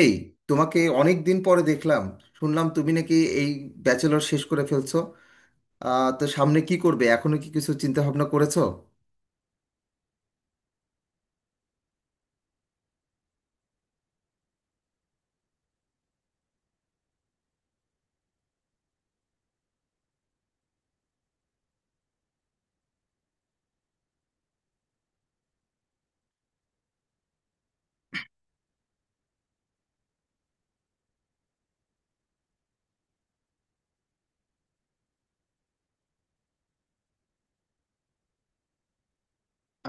এই, তোমাকে অনেক দিন পরে দেখলাম। শুনলাম তুমি নাকি এই ব্যাচেলর শেষ করে ফেলছো। তো সামনে কি করবে? এখনো কি কিছু চিন্তা ভাবনা করেছো?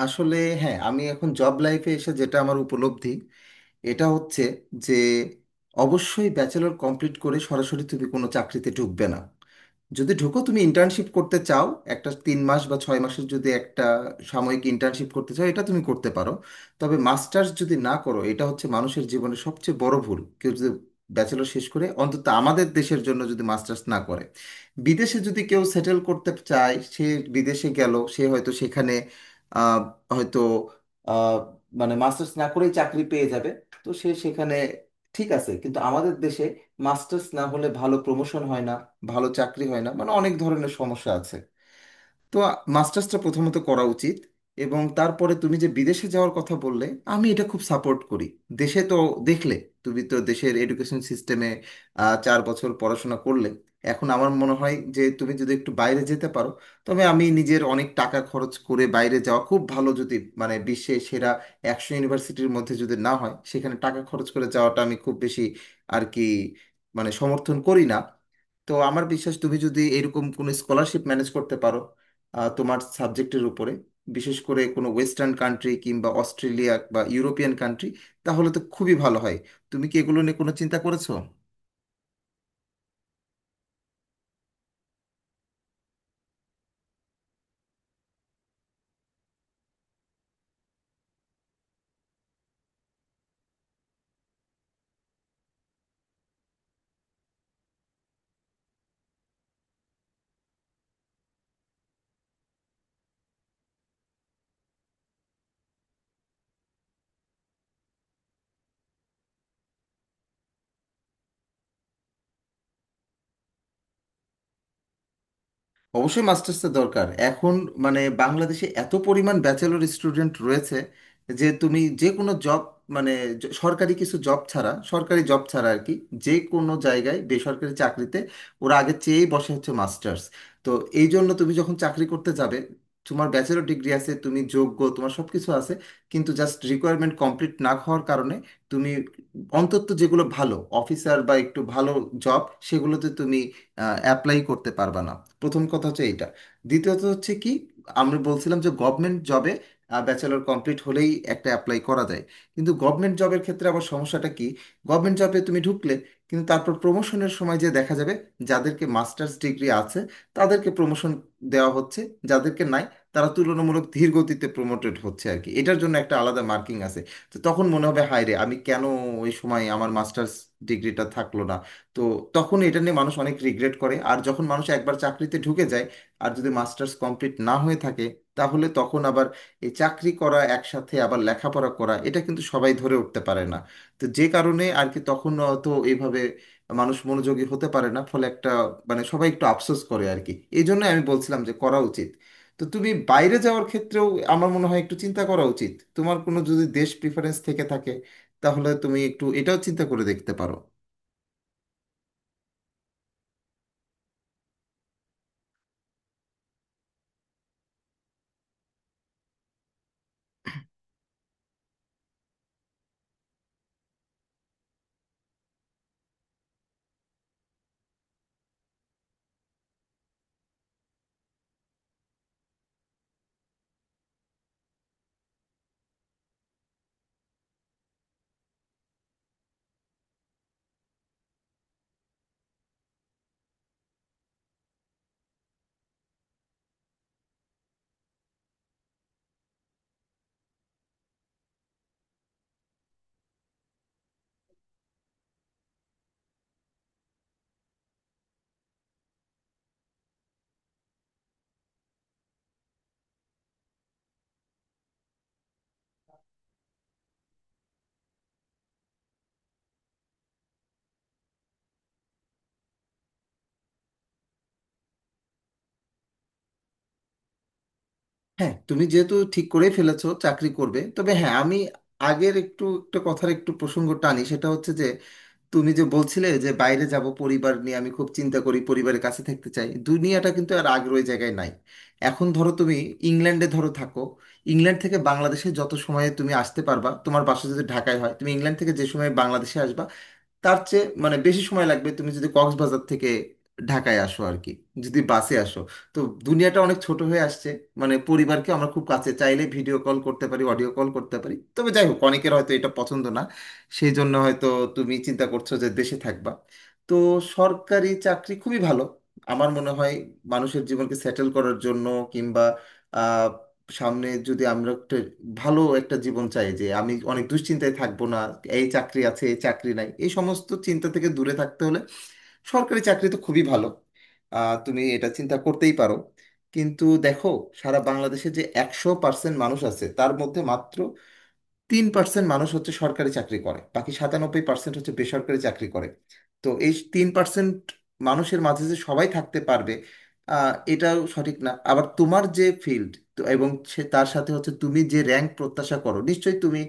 আসলে হ্যাঁ, আমি এখন জব লাইফে এসে যেটা আমার উপলব্ধি এটা হচ্ছে যে অবশ্যই ব্যাচেলর কমপ্লিট করে সরাসরি তুমি কোনো চাকরিতে ঢুকবে না। যদি ঢুকো, তুমি ইন্টার্নশিপ করতে চাও, একটা 3 মাস বা 6 মাসের যদি একটা সাময়িক ইন্টার্নশিপ করতে চাও, এটা তুমি করতে পারো। তবে মাস্টার্স যদি না করো, এটা হচ্ছে মানুষের জীবনে সবচেয়ে বড় ভুল। কেউ যদি ব্যাচেলর শেষ করে, অন্তত আমাদের দেশের জন্য যদি মাস্টার্স না করে, বিদেশে যদি কেউ সেটেল করতে চায়, সে বিদেশে গেল, সে হয়তো সেখানে আহ, হয়তো আহ, মানে মাস্টার্স না করেই চাকরি পেয়ে যাবে। তো সে সেখানে ঠিক আছে, কিন্তু আমাদের দেশে মাস্টার্স না হলে ভালো প্রমোশন হয় না, ভালো চাকরি হয় না, মানে অনেক ধরনের সমস্যা আছে। তো মাস্টার্সটা প্রথমত করা উচিত, এবং তারপরে তুমি যে বিদেশে যাওয়ার কথা বললে, আমি এটা খুব সাপোর্ট করি। দেশে তো দেখলে, তুমি তো দেশের এডুকেশন সিস্টেমে 4 বছর পড়াশোনা করলে। এখন আমার মনে হয় যে তুমি যদি একটু বাইরে যেতে পারো, তবে আমি নিজের অনেক টাকা খরচ করে বাইরে যাওয়া খুব ভালো, যদি মানে বিশ্বের সেরা 100 ইউনিভার্সিটির মধ্যে যদি না হয়, সেখানে টাকা খরচ করে যাওয়াটা আমি খুব বেশি আর কি মানে সমর্থন করি না। তো আমার বিশ্বাস তুমি যদি এরকম কোনো স্কলারশিপ ম্যানেজ করতে পারো, তোমার সাবজেক্টের উপরে, বিশেষ করে কোনো ওয়েস্টার্ন কান্ট্রি কিংবা অস্ট্রেলিয়া বা ইউরোপিয়ান কান্ট্রি, তাহলে তো খুবই ভালো হয়। তুমি কি এগুলো নিয়ে কোনো চিন্তা করেছো? অবশ্যই মাস্টার্সের দরকার এখন। মানে বাংলাদেশে এত পরিমাণ ব্যাচেলর স্টুডেন্ট রয়েছে যে তুমি যে কোনো জব, মানে সরকারি কিছু জব ছাড়া, সরকারি জব ছাড়া আর কি, যে কোনো জায়গায় বেসরকারি চাকরিতে ওরা আগে চেয়েই বসে হচ্ছে মাস্টার্স। তো এই জন্য তুমি যখন চাকরি করতে যাবে, তোমার ব্যাচেলর ডিগ্রি আছে, তুমি যোগ্য, তোমার সব কিছু আছে, কিন্তু জাস্ট রিকোয়ারমেন্ট কমপ্লিট না হওয়ার কারণে তুমি অন্তত যেগুলো ভালো অফিসার বা একটু ভালো জব, সেগুলোতে তুমি অ্যাপ্লাই করতে পারবা না। প্রথম কথা হচ্ছে এইটা। দ্বিতীয়ত হচ্ছে কি, আমরা বলছিলাম যে গভর্নমেন্ট জবে ব্যাচেলর কমপ্লিট হলেই একটা অ্যাপ্লাই করা যায়, কিন্তু গভর্নমেন্ট জবের ক্ষেত্রে আবার সমস্যাটা কি, গভর্নমেন্ট জবে তুমি ঢুকলে, কিন্তু তারপর প্রমোশনের সময় যে দেখা যাবে যাদেরকে মাস্টার্স ডিগ্রি আছে তাদেরকে প্রমোশন দেওয়া হচ্ছে, যাদেরকে নাই তারা তুলনামূলক ধীর গতিতে প্রমোটেড হচ্ছে আর কি, এটার জন্য একটা আলাদা মার্কিং আছে। তো তখন মনে হবে হায় রে আমি কেন ওই সময় আমার মাস্টার্স ডিগ্রিটা থাকলো না। তো তখন এটা নিয়ে মানুষ অনেক রিগ্রেট করে, আর যখন মানুষ একবার চাকরিতে ঢুকে যায় আর যদি মাস্টার্স কমপ্লিট না হয়ে থাকে, তাহলে তখন আবার এই চাকরি করা একসাথে আবার লেখাপড়া করা, এটা কিন্তু সবাই ধরে উঠতে পারে না। তো যে কারণে আর কি তখন, তো এইভাবে মানুষ মনোযোগী হতে পারে না, ফলে একটা মানে সবাই একটু আফসোস করে আর কি। এই জন্য আমি বলছিলাম যে করা উচিত। তো তুমি বাইরে যাওয়ার ক্ষেত্রেও আমার মনে হয় একটু চিন্তা করা উচিত। তোমার কোনো যদি দেশ প্রিফারেন্স থেকে থাকে, তাহলে তুমি একটু এটাও চিন্তা করে দেখতে পারো। হ্যাঁ, তুমি যেহেতু ঠিক করেই ফেলেছো চাকরি করবে, তবে হ্যাঁ, আমি আগের একটু একটা কথার একটু প্রসঙ্গ টানি। সেটা হচ্ছে যে তুমি যে বলছিলে যে বাইরে যাব, পরিবার নিয়ে আমি খুব চিন্তা করি, পরিবারের কাছে থাকতে চাই, দুনিয়াটা কিন্তু আর আগের ওই জায়গায় নাই। এখন ধরো তুমি ইংল্যান্ডে ধরো থাকো। ইংল্যান্ড থেকে বাংলাদেশে যত সময়ে তুমি আসতে পারবা, তোমার বাসা যদি ঢাকায় হয়, তুমি ইংল্যান্ড থেকে যে সময়ে বাংলাদেশে আসবা, তার চেয়ে মানে বেশি সময় লাগবে তুমি যদি কক্সবাজার থেকে ঢাকায় আসো আর কি, যদি বাসে আসো। তো দুনিয়াটা অনেক ছোট হয়ে আসছে। মানে পরিবারকে আমরা খুব কাছে চাইলে ভিডিও কল করতে পারি, অডিও কল করতে পারি, তবে যাই হোক অনেকের হয়তো এটা পছন্দ না, সেই জন্য হয়তো তুমি চিন্তা করছো যে দেশে থাকবা। তো সরকারি চাকরি খুবই ভালো আমার মনে হয় মানুষের জীবনকে সেটেল করার জন্য, কিংবা সামনে যদি আমরা একটা ভালো একটা জীবন চাই যে আমি অনেক দুশ্চিন্তায় থাকবো না, এই চাকরি আছে এই চাকরি নাই এই সমস্ত চিন্তা থেকে দূরে থাকতে হলে সরকারি চাকরি তো খুবই ভালো। তুমি এটা চিন্তা করতেই পারো, কিন্তু দেখো সারা বাংলাদেশে যে 100% মানুষ আছে, তার মধ্যে মাত্র 3% মানুষ হচ্ছে সরকারি চাকরি করে, বাকি 97% হচ্ছে বেসরকারি চাকরি করে। তো এই 3% মানুষের মাঝে যে সবাই থাকতে পারবে, এটাও সঠিক না। আবার তোমার যে ফিল্ড এবং সে তার সাথে হচ্ছে তুমি যে র্যাঙ্ক প্রত্যাশা করো, নিশ্চয়ই তুমি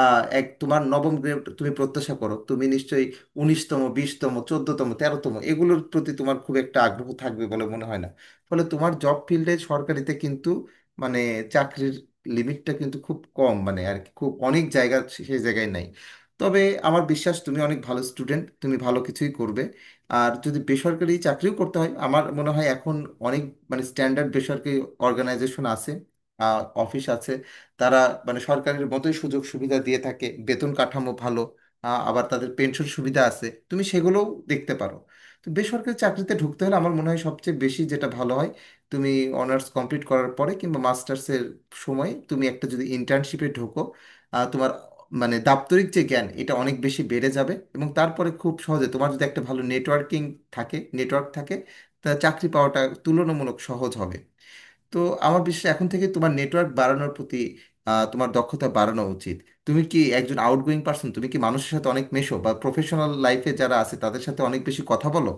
এক তোমার নবম গ্রেড তুমি প্রত্যাশা করো, তুমি নিশ্চয়ই 19তম, 20তম, 14তম, 13তম এগুলোর প্রতি তোমার খুব একটা আগ্রহ থাকবে বলে মনে হয় না। ফলে তোমার জব ফিল্ডে সরকারিতে কিন্তু মানে চাকরির লিমিটটা কিন্তু খুব কম, মানে আর কি খুব অনেক জায়গা সেই জায়গায় নাই। তবে আমার বিশ্বাস তুমি অনেক ভালো স্টুডেন্ট, তুমি ভালো কিছুই করবে। আর যদি বেসরকারি চাকরিও করতে হয়, আমার মনে হয় এখন অনেক মানে স্ট্যান্ডার্ড বেসরকারি অর্গানাইজেশন আছে, অফিস আছে, তারা মানে সরকারের মতোই সুযোগ সুবিধা দিয়ে থাকে, বেতন কাঠামো ভালো। আবার তাদের পেনশন সুবিধা আছে, তুমি সেগুলোও দেখতে পারো। তো বেসরকারি চাকরিতে ঢুকতে হলে আমার মনে হয় সবচেয়ে বেশি যেটা ভালো হয় তুমি অনার্স কমপ্লিট করার পরে কিংবা মাস্টার্সের সময় তুমি একটা যদি ইন্টার্নশিপে ঢোকো, তোমার মানে দাপ্তরিক যে জ্ঞান এটা অনেক বেশি বেড়ে যাবে, এবং তারপরে খুব সহজে তোমার যদি একটা ভালো নেটওয়ার্কিং থাকে, নেটওয়ার্ক থাকে, তা চাকরি পাওয়াটা তুলনামূলক সহজ হবে। তো আমার বিশ্বাস এখন থেকে তোমার নেটওয়ার্ক বাড়ানোর প্রতি তোমার দক্ষতা বাড়ানো উচিত। তুমি কি একজন আউটগোয়িং পার্সন? তুমি কি মানুষের সাথে অনেক মেশো বা প্রফেশনাল লাইফে যারা আছে তাদের সাথে অনেক বেশি কথা বলো?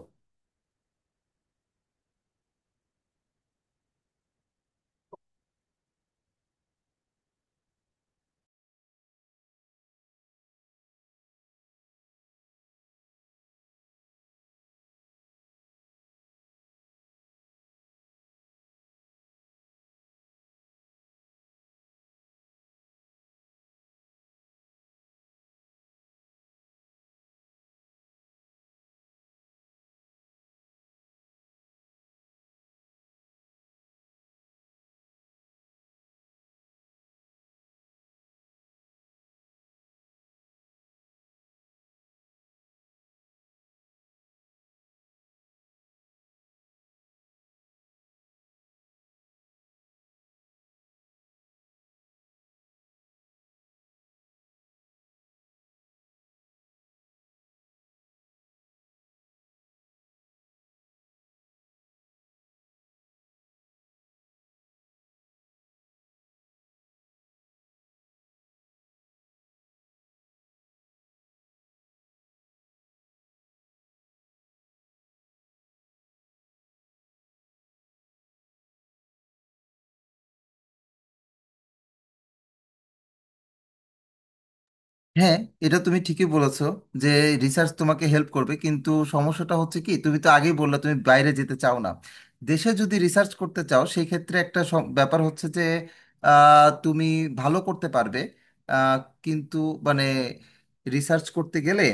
হ্যাঁ, এটা তুমি ঠিকই বলেছো যে রিসার্চ তোমাকে হেল্প করবে, কিন্তু সমস্যাটা হচ্ছে কি তুমি তো আগেই বললে তুমি বাইরে যেতে চাও না। দেশে যদি রিসার্চ করতে চাও, সেই ক্ষেত্রে একটা ব্যাপার হচ্ছে যে তুমি ভালো করতে পারবে। আহ, কিন্তু মানে রিসার্চ করতে গেলে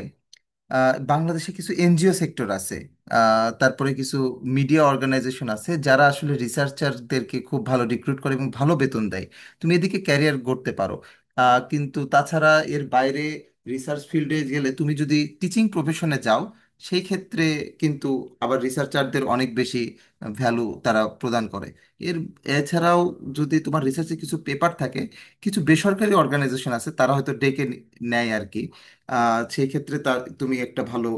বাংলাদেশে কিছু এনজিও সেক্টর আছে, তারপরে কিছু মিডিয়া অর্গানাইজেশন আছে যারা আসলে রিসার্চারদেরকে খুব ভালো রিক্রুট করে এবং ভালো বেতন দেয়। তুমি এদিকে ক্যারিয়ার গড়তে পারো। কিন্তু তাছাড়া এর বাইরে রিসার্চ ফিল্ডে গেলে তুমি যদি টিচিং প্রফেশনে যাও সেই ক্ষেত্রে কিন্তু আবার রিসার্চারদের অনেক বেশি ভ্যালু তারা প্রদান করে। এর এছাড়াও যদি তোমার রিসার্চে কিছু পেপার থাকে, কিছু বেসরকারি অর্গানাইজেশন আছে তারা হয়তো ডেকে নেয় আর কি। সেই ক্ষেত্রে তার তুমি একটা ভালো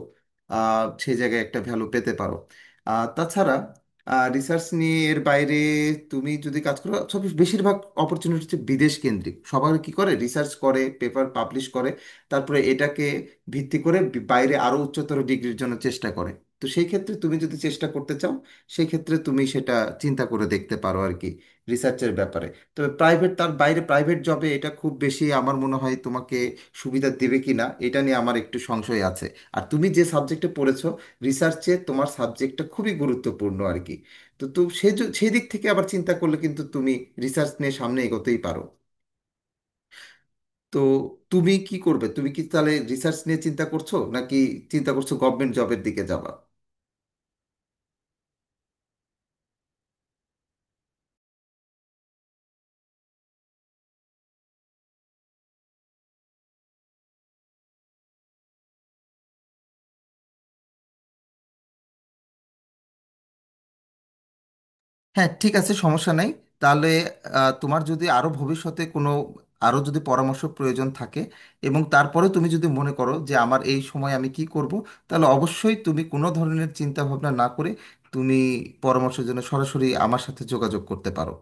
সেই জায়গায় একটা ভ্যালু পেতে পারো। তাছাড়া রিসার্চ নিয়ে এর বাইরে তুমি যদি কাজ করো, সব বেশিরভাগ অপরচুনিটি হচ্ছে বিদেশ কেন্দ্রিক। সবার কি করে রিসার্চ করে পেপার পাবলিশ করে তারপরে এটাকে ভিত্তি করে বাইরে আরো উচ্চতর ডিগ্রির জন্য চেষ্টা করে। তো সেই ক্ষেত্রে তুমি যদি চেষ্টা করতে চাও, সেই ক্ষেত্রে তুমি সেটা চিন্তা করে দেখতে পারো আর কি রিসার্চের ব্যাপারে। তো প্রাইভেট, তার বাইরে প্রাইভেট জবে এটা খুব বেশি আমার মনে হয় তোমাকে সুবিধা দেবে কি না এটা নিয়ে আমার একটু সংশয় আছে। আর তুমি যে সাবজেক্টে পড়েছো, রিসার্চে তোমার সাবজেক্টটা খুবই গুরুত্বপূর্ণ আর কি। তো তো সে সেই দিক থেকে আবার চিন্তা করলে কিন্তু তুমি রিসার্চ নিয়ে সামনে এগোতেই পারো। তো তুমি কি করবে? তুমি কি তাহলে রিসার্চ নিয়ে চিন্তা করছো, নাকি চিন্তা করছো গভর্নমেন্ট জবের দিকে যাবা? হ্যাঁ, ঠিক আছে, সমস্যা নাই। তাহলে তোমার যদি আরো ভবিষ্যতে কোনো আরো যদি পরামর্শ প্রয়োজন থাকে, এবং তারপরে তুমি যদি মনে করো যে আমার এই সময় আমি কি করব, তাহলে অবশ্যই তুমি কোনো ধরনের চিন্তা ভাবনা না করে তুমি পরামর্শের জন্য সরাসরি আমার সাথে যোগাযোগ করতে পারো।